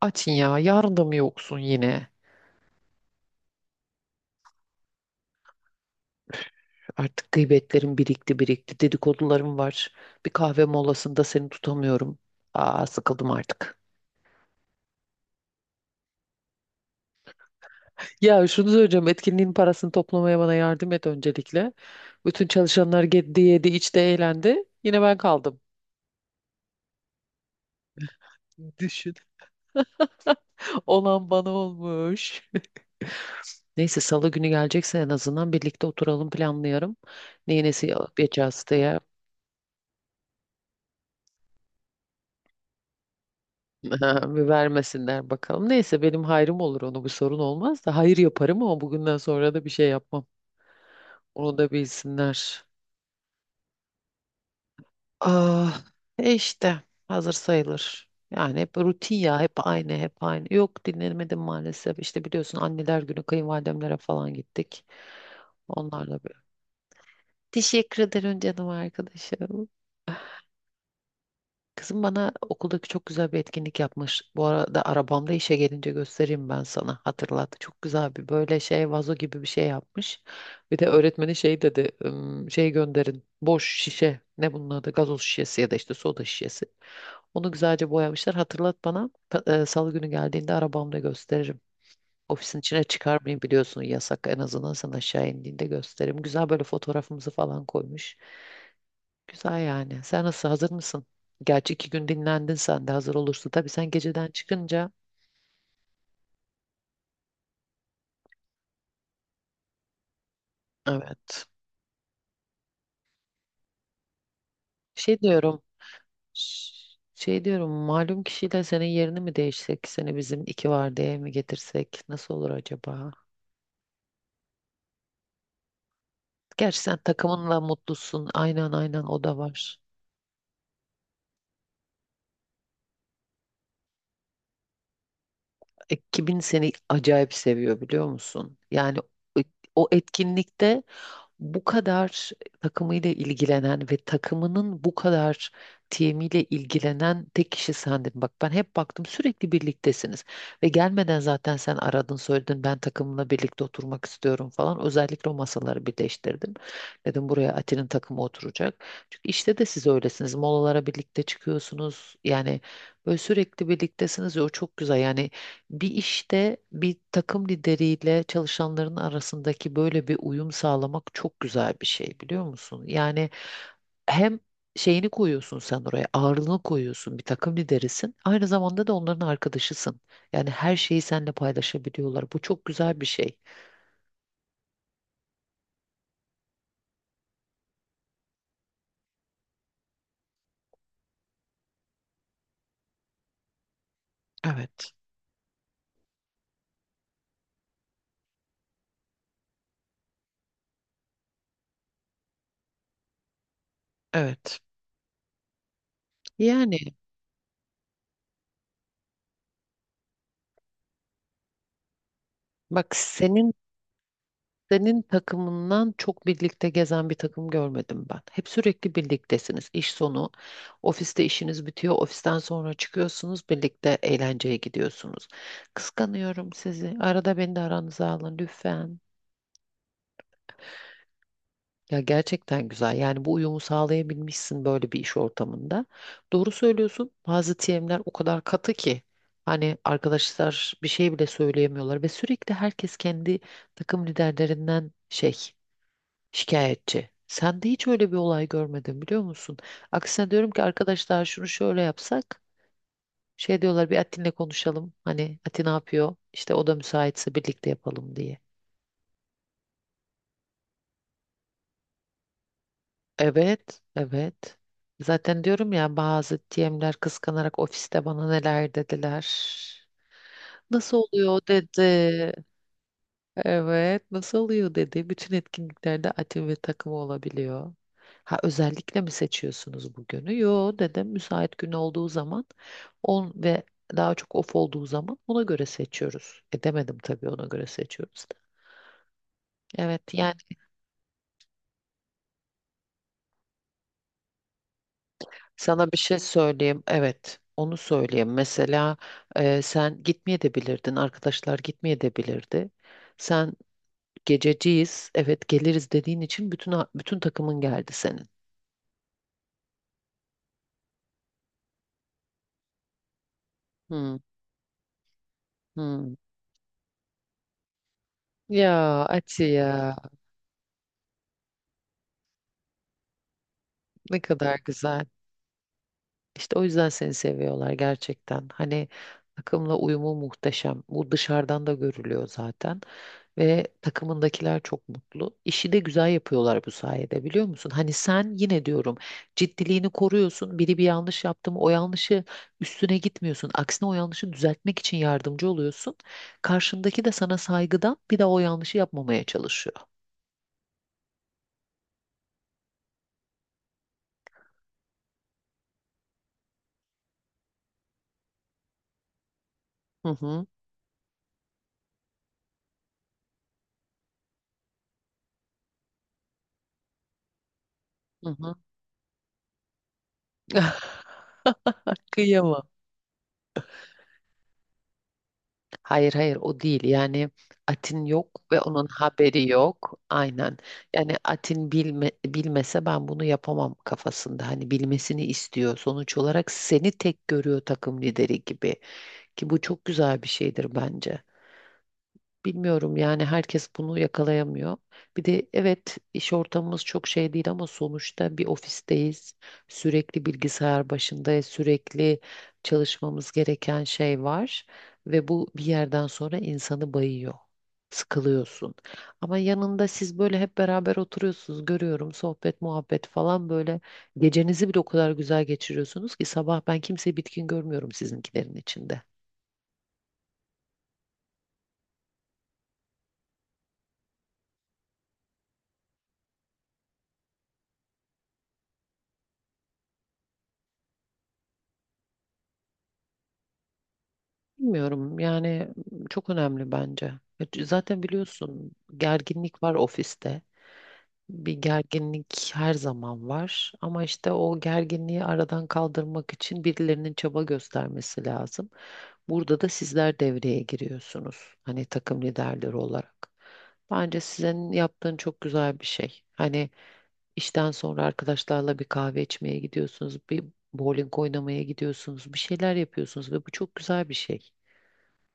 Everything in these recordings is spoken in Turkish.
Atin, ya yarın da mı yoksun yine? Artık gıybetlerim birikti, dedikodularım var. Bir kahve molasında seni tutamıyorum. Sıkıldım artık. Ya şunu söyleyeceğim, etkinliğin parasını toplamaya bana yardım et öncelikle. Bütün çalışanlar yedi yedi içti eğlendi. Yine ben kaldım. Düşün. Olan bana olmuş. Neyse, salı günü gelecekse en azından birlikte oturalım, planlayalım. Neyi nesi yapacağız diye. Ha, bir vermesinler bakalım. Neyse, benim hayrım olur, onu bir sorun olmaz da hayır yaparım ama bugünden sonra da bir şey yapmam. Onu da bilsinler. Ah, e işte hazır sayılır. Yani hep rutin ya, hep aynı. Yok, dinlemedim maalesef. İşte biliyorsun, anneler günü kayınvalidemlere falan gittik. Onlarla bir. Teşekkür ederim canım arkadaşım. Kızım bana okuldaki çok güzel bir etkinlik yapmış. Bu arada arabamda, işe gelince göstereyim ben sana. Hatırlat. Çok güzel bir, böyle şey, vazo gibi bir şey yapmış. Bir de öğretmeni şey dedi. Şey gönderin. Boş şişe. Ne bunun adı? Gazoz şişesi ya da işte soda şişesi. Onu güzelce boyamışlar. Hatırlat bana. Salı günü geldiğinde arabamda gösteririm. Ofisin içine çıkarmayın, biliyorsun yasak. En azından sen aşağı indiğinde gösteririm. Güzel, böyle fotoğrafımızı falan koymuş. Güzel yani. Sen nasıl, hazır mısın? Gerçi iki gün dinlendin, sen de hazır olursun. Tabii sen geceden çıkınca, evet. Şey diyorum. ş- Şey diyorum, malum kişiyle senin yerini mi değişsek? Seni bizim iki vardiyaya mi getirsek? Nasıl olur acaba? Gerçi sen takımınla mutlusun. Aynen, o da var. Ekibin seni acayip seviyor, biliyor musun? Yani o o etkinlikte bu kadar takımıyla ilgilenen ve takımının bu kadar timiyle ilgilenen tek kişi sendin. Bak, ben hep baktım, sürekli birliktesiniz ve gelmeden zaten sen aradın, söyledin, ben takımla birlikte oturmak istiyorum falan. Özellikle o masaları birleştirdim. Dedim buraya Ati'nin takımı oturacak. Çünkü işte de siz öylesiniz. Molalara birlikte çıkıyorsunuz. Yani böyle sürekli birliktesiniz ya, o çok güzel. Yani bir işte, bir takım lideriyle çalışanların arasındaki böyle bir uyum sağlamak çok güzel bir şey, biliyor musun? Yani hem şeyini koyuyorsun sen oraya, ağırlığını koyuyorsun, bir takım liderisin. Aynı zamanda da onların arkadaşısın. Yani her şeyi seninle paylaşabiliyorlar. Bu çok güzel bir şey. Evet, evet. Yani bak senin, senin takımından çok birlikte gezen bir takım görmedim ben. Hep sürekli birliktesiniz. İş sonu, ofiste işiniz bitiyor, ofisten sonra çıkıyorsunuz, birlikte eğlenceye gidiyorsunuz. Kıskanıyorum sizi. Arada beni de aranıza alın lütfen. Ya gerçekten güzel. Yani bu uyumu sağlayabilmişsin böyle bir iş ortamında. Doğru söylüyorsun. Bazı TM'ler o kadar katı ki hani arkadaşlar bir şey bile söyleyemiyorlar ve sürekli herkes kendi takım liderlerinden şey, şikayetçi. Sen de hiç öyle bir olay görmedim, biliyor musun? Aksine diyorum ki arkadaşlar, şunu şöyle yapsak. Şey diyorlar, bir Atin'le konuşalım. Hani Atin ne yapıyor? İşte o da müsaitse birlikte yapalım diye. Evet, evet. Zaten diyorum ya, bazı TM'ler kıskanarak ofiste bana neler dediler. Nasıl oluyor dedi. Evet, nasıl oluyor dedi. Bütün etkinliklerde atim ve takımı olabiliyor. Ha, özellikle mi seçiyorsunuz bu günü? Yo, dedim, müsait gün olduğu zaman on ve daha çok off olduğu zaman ona göre seçiyoruz. E, demedim tabii ona göre seçiyoruz da. Evet yani, sana bir şey söyleyeyim. Evet, onu söyleyeyim. Mesela sen gitmeyebilirdin. Arkadaşlar gitmeyebilirdi. Sen gececiyiz, evet geliriz dediğin için bütün takımın geldi senin. Hmm. Hmm. Ya Ati, ya ne kadar güzel. İşte o yüzden seni seviyorlar gerçekten. Hani takımla uyumu muhteşem. Bu dışarıdan da görülüyor zaten. Ve takımındakiler çok mutlu. İşi de güzel yapıyorlar bu sayede, biliyor musun? Hani sen yine diyorum, ciddiliğini koruyorsun. Biri bir yanlış yaptı mı o yanlışı üstüne gitmiyorsun. Aksine o yanlışı düzeltmek için yardımcı oluyorsun. Karşındaki de sana saygıdan bir daha o yanlışı yapmamaya çalışıyor. Hı hı. Hı hı. Kıyamam. Hayır hayır, o değil. Yani Atin yok ve onun haberi yok. Aynen. Yani Atin bilmese ben bunu yapamam kafasında. Hani bilmesini istiyor. Sonuç olarak seni tek görüyor, takım lideri gibi. Ki bu çok güzel bir şeydir bence. Bilmiyorum yani, herkes bunu yakalayamıyor. Bir de evet, iş ortamımız çok şey değil ama sonuçta bir ofisteyiz. Sürekli bilgisayar başındayız. Sürekli çalışmamız gereken şey var. Ve bu bir yerden sonra insanı bayıyor. Sıkılıyorsun. Ama yanında siz böyle hep beraber oturuyorsunuz. Görüyorum, sohbet muhabbet falan böyle. Gecenizi bile o kadar güzel geçiriyorsunuz ki sabah ben kimseyi bitkin görmüyorum sizinkilerin içinde. Bilmiyorum yani, çok önemli bence. Ya zaten biliyorsun, gerginlik var ofiste. Bir gerginlik her zaman var ama işte o gerginliği aradan kaldırmak için birilerinin çaba göstermesi lazım. Burada da sizler devreye giriyorsunuz. Hani takım liderleri olarak. Bence sizin yaptığın çok güzel bir şey. Hani işten sonra arkadaşlarla bir kahve içmeye gidiyorsunuz, bir bowling oynamaya gidiyorsunuz, bir şeyler yapıyorsunuz ve bu çok güzel bir şey.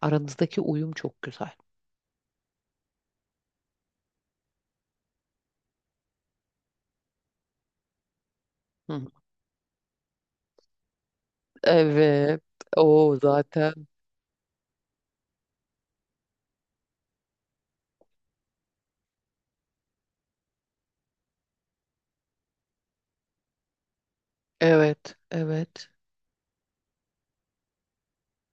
Aranızdaki uyum çok güzel. Hı. Evet. O zaten. Evet. Evet.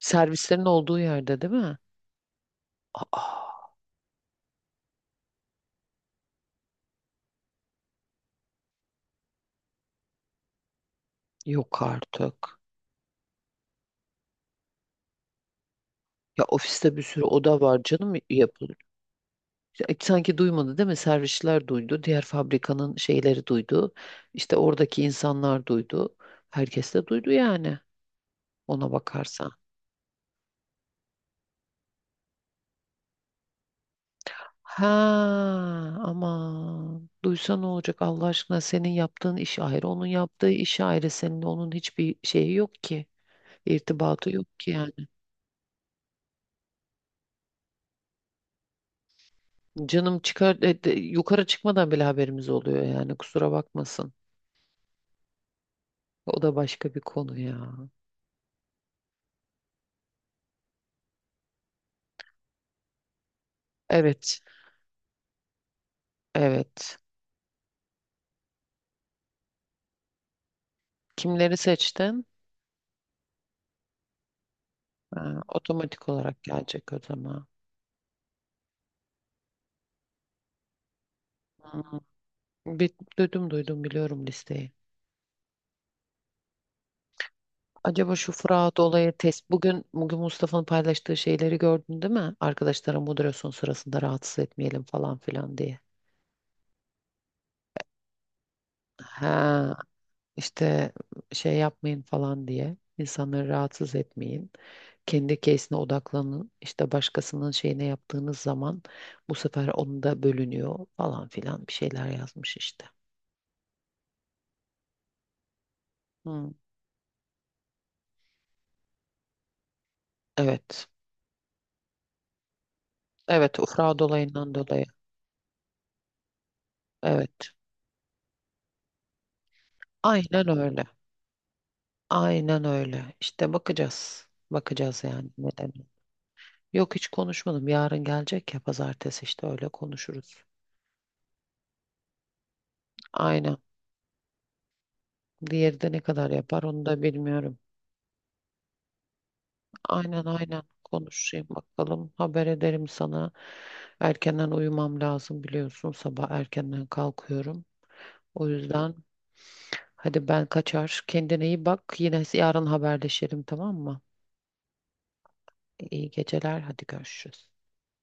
Servislerin olduğu yerde değil mi? Aa, yok artık. Ya ofiste bir sürü oda var canım, yapılır. Ya sanki duymadı değil mi? Servisçiler duydu. Diğer fabrikanın şeyleri duydu. İşte oradaki insanlar duydu. Herkes de duydu yani. Ona bakarsan. Ha ama, duysa ne olacak Allah aşkına? Senin yaptığın iş ayrı, onun yaptığı iş ayrı, seninle onun hiçbir şeyi yok ki, irtibatı yok ki yani. Canım çıkar, yukarı çıkmadan bile haberimiz oluyor yani, kusura bakmasın, o da başka bir konu ya. Evet, evet. Kimleri seçtin? Ha, otomatik olarak gelecek o zaman. Hmm. Bir, duydum duydum, biliyorum listeyi. Acaba şu Fırat olayı test. Bugün Mustafa'nın paylaştığı şeyleri gördün değil mi? Arkadaşlara moderasyon sırasında rahatsız etmeyelim falan filan diye. Ha işte, şey yapmayın falan diye. İnsanları rahatsız etmeyin. Kendi case'ine odaklanın. İşte başkasının şeyine yaptığınız zaman bu sefer onu da bölünüyor falan filan, bir şeyler yazmış işte. Hmm. Evet. Evet, o Fırat olayından dolayı. Evet. Aynen öyle. Aynen öyle. İşte bakacağız. Bakacağız yani, neden. Yok, hiç konuşmadım. Yarın gelecek ya, pazartesi işte öyle konuşuruz. Aynen. Diğeri de ne kadar yapar onu da bilmiyorum. Aynen, konuşayım bakalım. Haber ederim sana. Erkenden uyumam lazım, biliyorsun. Sabah erkenden kalkıyorum. O yüzden hadi ben kaçar. Kendine iyi bak. Yine yarın haberleşelim, tamam mı? İyi geceler. Hadi görüşürüz.